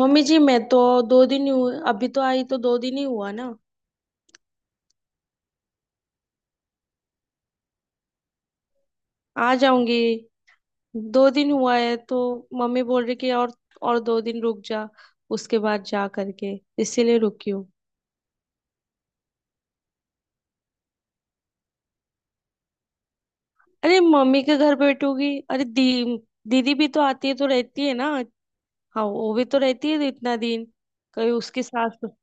Mummy ji, मैं तो दो दिन ही हुए, अभी तो आई, तो दो दिन ही हुआ ना। आ जाऊंगी। दो दिन हुआ है तो मम्मी बोल रही कि और दो दिन रुक जा, उसके बाद जा करके। इसीलिए रुकी हूँ। अरे, मम्मी के घर बैठूंगी? अरे, दी दीदी भी तो आती है तो रहती है ना। हाँ, वो भी तो रहती है इतना दिन। कभी उसकी सास तो,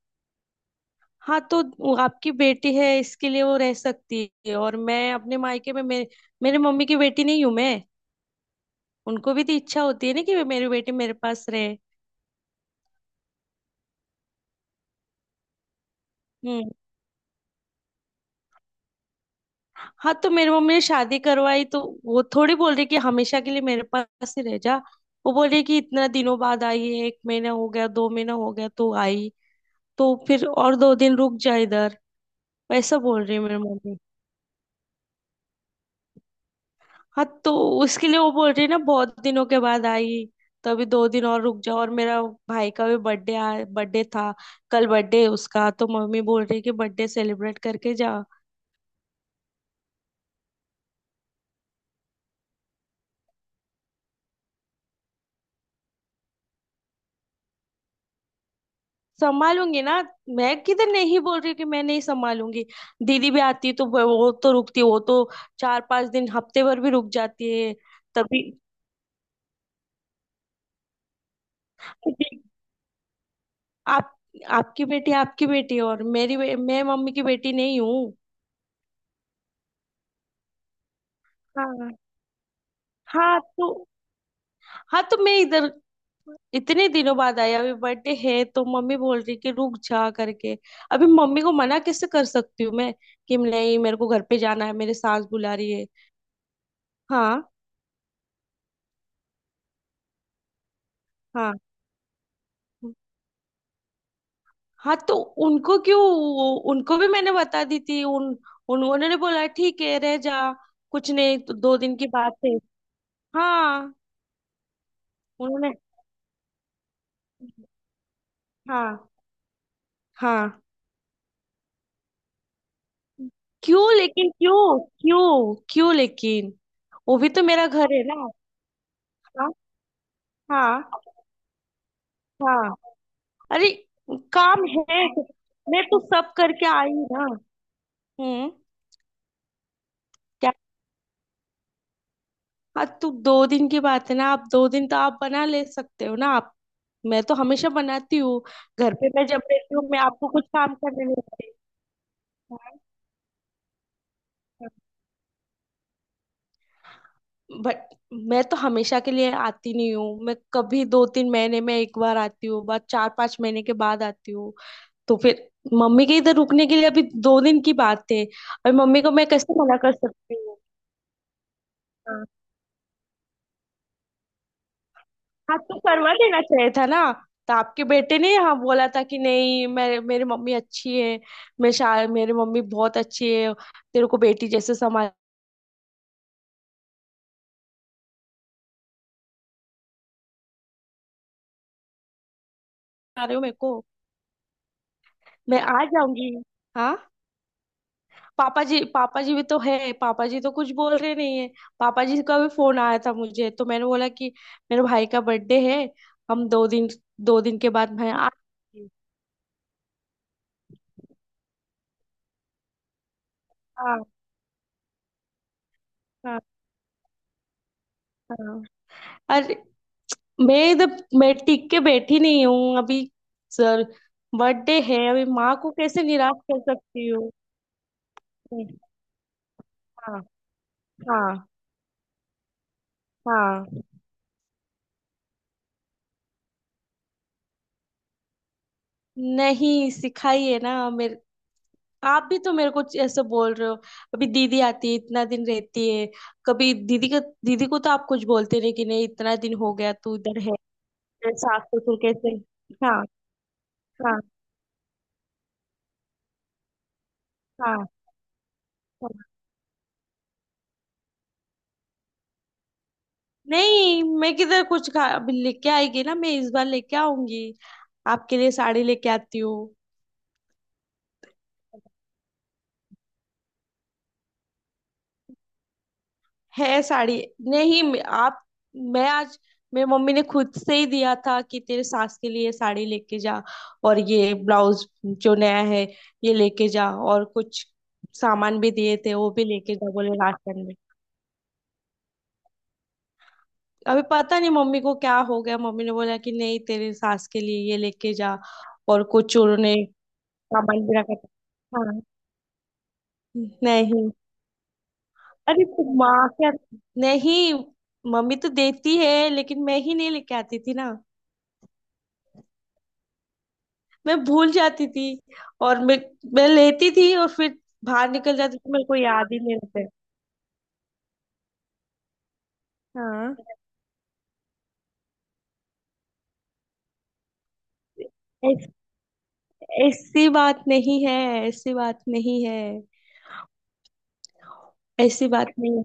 हाँ तो वो आपकी बेटी है, इसके लिए वो रह सकती है, और मैं अपने मायके में मेरे मेरे मम्मी की बेटी नहीं हूँ मैं? उनको भी तो इच्छा होती है ना कि मेरी बेटी मेरे पास रहे। हम्म। हाँ तो मेरी मम्मी ने शादी करवाई, तो वो थोड़ी बोल रही कि हमेशा के लिए मेरे पास ही रह जा। वो बोल रही कि इतना दिनों बाद आई है, एक महीना हो गया, दो महीना हो गया तो आई, तो फिर और दो दिन रुक जा इधर। वैसा बोल रही है मेरी मम्मी। हाँ तो उसके लिए वो बोल रही है ना, बहुत दिनों के बाद आई, तो अभी दो दिन और रुक जाओ। और मेरा भाई का भी बर्थडे बर्थडे था। कल बर्थडे उसका, तो मम्मी बोल रही है कि बर्थडे सेलिब्रेट करके जा। संभालूंगी ना। मैं किधर नहीं बोल रही कि मैं नहीं संभालूंगी। दीदी भी आती है तो वो तो रुकती है, वो तो चार पांच दिन, हफ्ते भर भी रुक जाती है। तभी। आप आपकी बेटी है, और मैं मम्मी की बेटी नहीं हूँ। हाँ। हाँ तो हाँ तो मैं इधर, इतने दिनों बाद आई, अभी बर्थडे है तो मम्मी बोल रही कि रुक जा करके। अभी मम्मी को मना कैसे कर सकती हूँ मैं? कि नहीं, मेरे को घर पे जाना है, मेरे सास बुला रही है। हाँ। हाँ। हाँ तो उनको क्यों? उनको भी मैंने बता दी थी, उन उन- उन्होंने बोला ठीक है रह जा। कुछ नहीं तो दो दिन की बात है। हाँ। उन्होंने। हाँ। हाँ। क्यों? लेकिन क्यों, क्यों, क्यों, लेकिन? वो भी तो मेरा घर है ना। हाँ। हाँ। हाँ, अरे, काम है, मैं तो सब करके आई ना। हम्म। हाँ तो दो दिन की बात है ना, आप दो दिन तो आप बना ले सकते हो ना आप। मैं तो हमेशा बनाती हूँ। घर पे मैं जब रहती हूँ, मैं आपको कुछ काम करने नहीं देती। बट मैं तो हमेशा के लिए आती नहीं हूँ, मैं कभी दो तीन महीने में एक बार आती हूँ, बाद चार पांच महीने के बाद आती हूँ। तो फिर मम्मी के इधर रुकने के लिए अभी दो दिन की बात है। और मम्मी को मैं कैसे मना कर सकती हूँ? हाँ तो करवा देना चाहिए था ना। तो आपके बेटे ने हाँ बोला था कि नहीं, मेरे मेरी मम्मी अच्छी है। मेरी मम्मी बहुत अच्छी है। तेरे को बेटी जैसे संभाल रहे हो मेरे को। मैं आ जाऊंगी। हाँ। पापा जी, पापा जी भी तो है, पापा जी तो कुछ बोल रहे नहीं है। पापा जी का भी फोन आया था मुझे, तो मैंने बोला कि मेरे भाई का बर्थडे है। हम दो दिन, दो दिन के बाद मैं आ। हाँ। हाँ। हाँ। अरे, मैं इधर, मैं टिक के बैठी नहीं हूँ अभी। सर, बर्थडे है अभी, माँ को कैसे निराश कर सकती हूँ? हाँ। हाँ। हाँ। नहीं सिखाइए ना मेरे, आप भी तो मेरे को ऐसे बोल रहे हो। अभी दीदी आती है, इतना दिन रहती है। कभी दीदी का, दीदी को तो आप कुछ बोलते नहीं कि नहीं इतना दिन हो गया तू इधर है। तेरे सास ससुर कैसे? हाँ। हाँ। हाँ। हाँ। नहीं, मैं किधर कुछ खा, अभी लेके आएगी ना, मैं इस बार लेके आऊंगी। आपके लिए साड़ी लेके आती हूँ। है साड़ी। नहीं, आप, मैं आज, मेरी मम्मी ने खुद से ही दिया था कि तेरे सास के लिए साड़ी लेके जा। और ये ब्लाउज जो नया है ये लेके जा, और कुछ सामान भी दिए थे, वो भी लेके जा बोले, राशन में। अभी पता नहीं मम्मी को क्या हो गया, मम्मी ने बोला कि नहीं, तेरे सास के लिए ये लेके जा। और कुछ उन्होंने सामान भी रखा था। हाँ। नहीं। अरे तो माँ क्या, नहीं, मम्मी तो देती है, लेकिन मैं ही नहीं लेके आती थी ना। मैं भूल जाती थी। और मैं लेती थी, और फिर बाहर निकल जाती थी, मेरे को याद ही नहीं रहता। हाँ। ऐस- ऐसी बात नहीं है। ऐसी बात नहीं है। ऐसी बात नहीं है।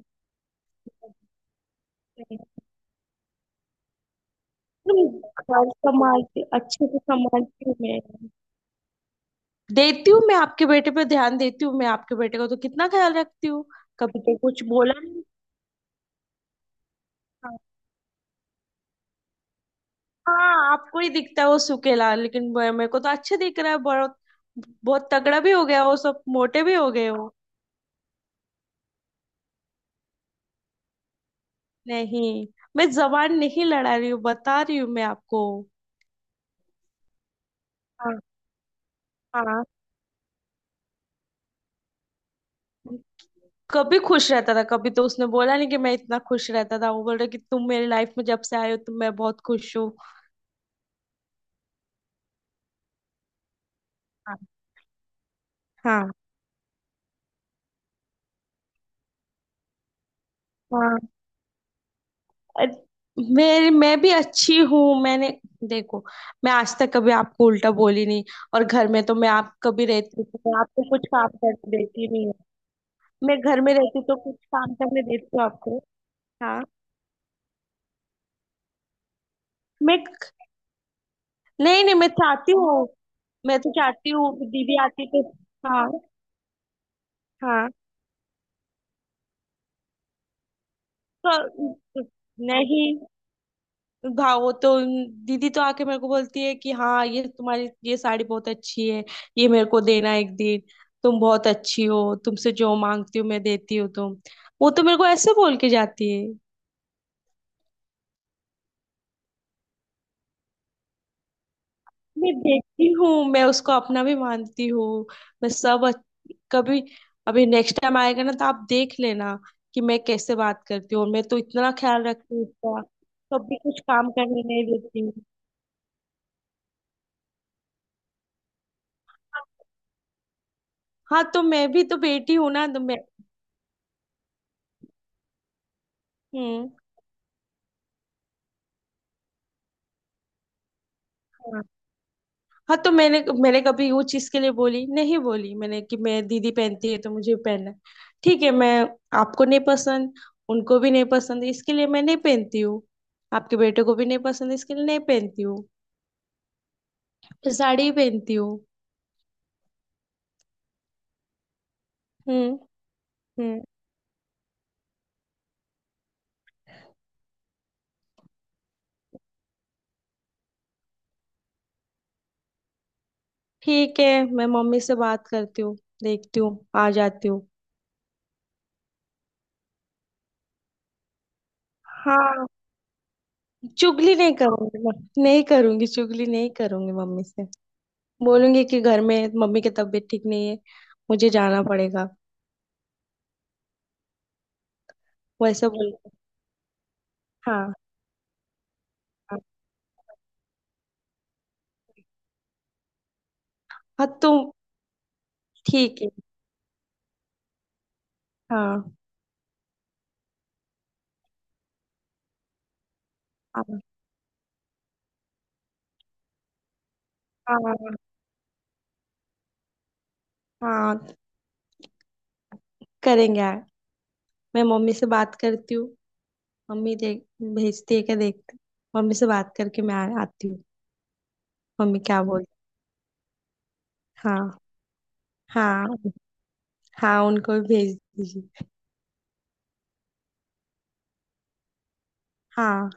तुम घर संभालती, अच्छे से संभालती हूँ मैं। देती हूँ, मैं आपके बेटे पे ध्यान देती हूँ, मैं आपके बेटे को तो कितना ख्याल रखती हूँ। कभी तो कुछ बोला नहीं। हाँ, आपको ही दिखता है वो सुकेला, लेकिन मेरे को तो अच्छे दिख रहा है, बहुत बहुत तगड़ा भी हो गया, वो सब मोटे भी हो गए हो। नहीं, मैं जबान नहीं लड़ा रही हूँ, बता रही हूँ मैं आपको। हाँ। हाँ। कभी खुश रहता था, कभी तो उसने बोला नहीं कि मैं इतना खुश रहता था, वो बोल रहा कि तुम मेरी लाइफ में जब से आए हो तुम, मैं बहुत खुश हूँ। हाँ। हाँ। अरे, मेरी, मैं भी अच्छी हूँ, मैंने, देखो, मैं आज तक कभी आपको उल्टा बोली नहीं। और घर में तो मैं, आप कभी रहती तो मैं आपको कुछ काम करने देती नहीं हूँ। मैं घर में रहती तो कुछ काम करने देती हूँ आपको। हाँ। मैं, नहीं नहीं, मैं चाहती हूँ। मैं तो चाहती हूँ कि दीदी आती तो, हाँ। हाँ तो, नहीं, भाव तो, दीदी तो आके मेरे को बोलती है कि हाँ, ये तुम्हारी ये साड़ी बहुत अच्छी है, ये मेरे को देना एक दिन। तुम बहुत अच्छी हो, तुमसे जो मांगती हूँ मैं, देती हूँ तुम। वो तो मेरे को ऐसे बोल के जाती है। मैं देखती हूँ, मैं उसको अपना भी मानती हूँ। मैं सब कभी, अभी नेक्स्ट टाइम आएगा ना, तो आप देख लेना कि मैं कैसे बात करती हूँ, और मैं तो इतना ख्याल रखती हूँ उसका। कभी कुछ काम करने नहीं देती हूँ। हाँ तो मैं भी तो बेटी हूँ ना, तो मैं। हम्म। हाँ तो मैंने मैंने कभी वो चीज के लिए बोली नहीं, बोली मैंने कि मैं दीदी पहनती है तो मुझे भी पहनना है। ठीक है, मैं, आपको नहीं पसंद, उनको भी नहीं पसंद, इसके लिए मैं नहीं पहनती हूँ। आपके बेटे को भी नहीं पसंद, इसके लिए नहीं पहनती हूँ। मैं साड़ी ही पहनती हूँ। हम्म। हम्म। ठीक है, मैं मम्मी से बात करती हूँ। देखती हूँ, आ जाती हूँ। हाँ। चुगली नहीं करूंगी मैं। नहीं करूंगी, चुगली नहीं करूंगी मम्मी से। बोलूंगी कि घर में मम्मी की तबीयत ठीक नहीं है, मुझे जाना पड़ेगा। वैसा बोल, हाँ। हाँ। हाँ। तुम, ठीक है। हाँ। हाँ। हाँ। हाँ, करेंगे यार। मैं मम्मी से बात करती हूँ। मम्मी देख, भेजती है क्या, देखती हूँ। मम्मी से बात करके मैं आती हूँ। मम्मी क्या बोल, हाँ। हाँ। हाँ, उनको भी भेज दीजिए। हाँ।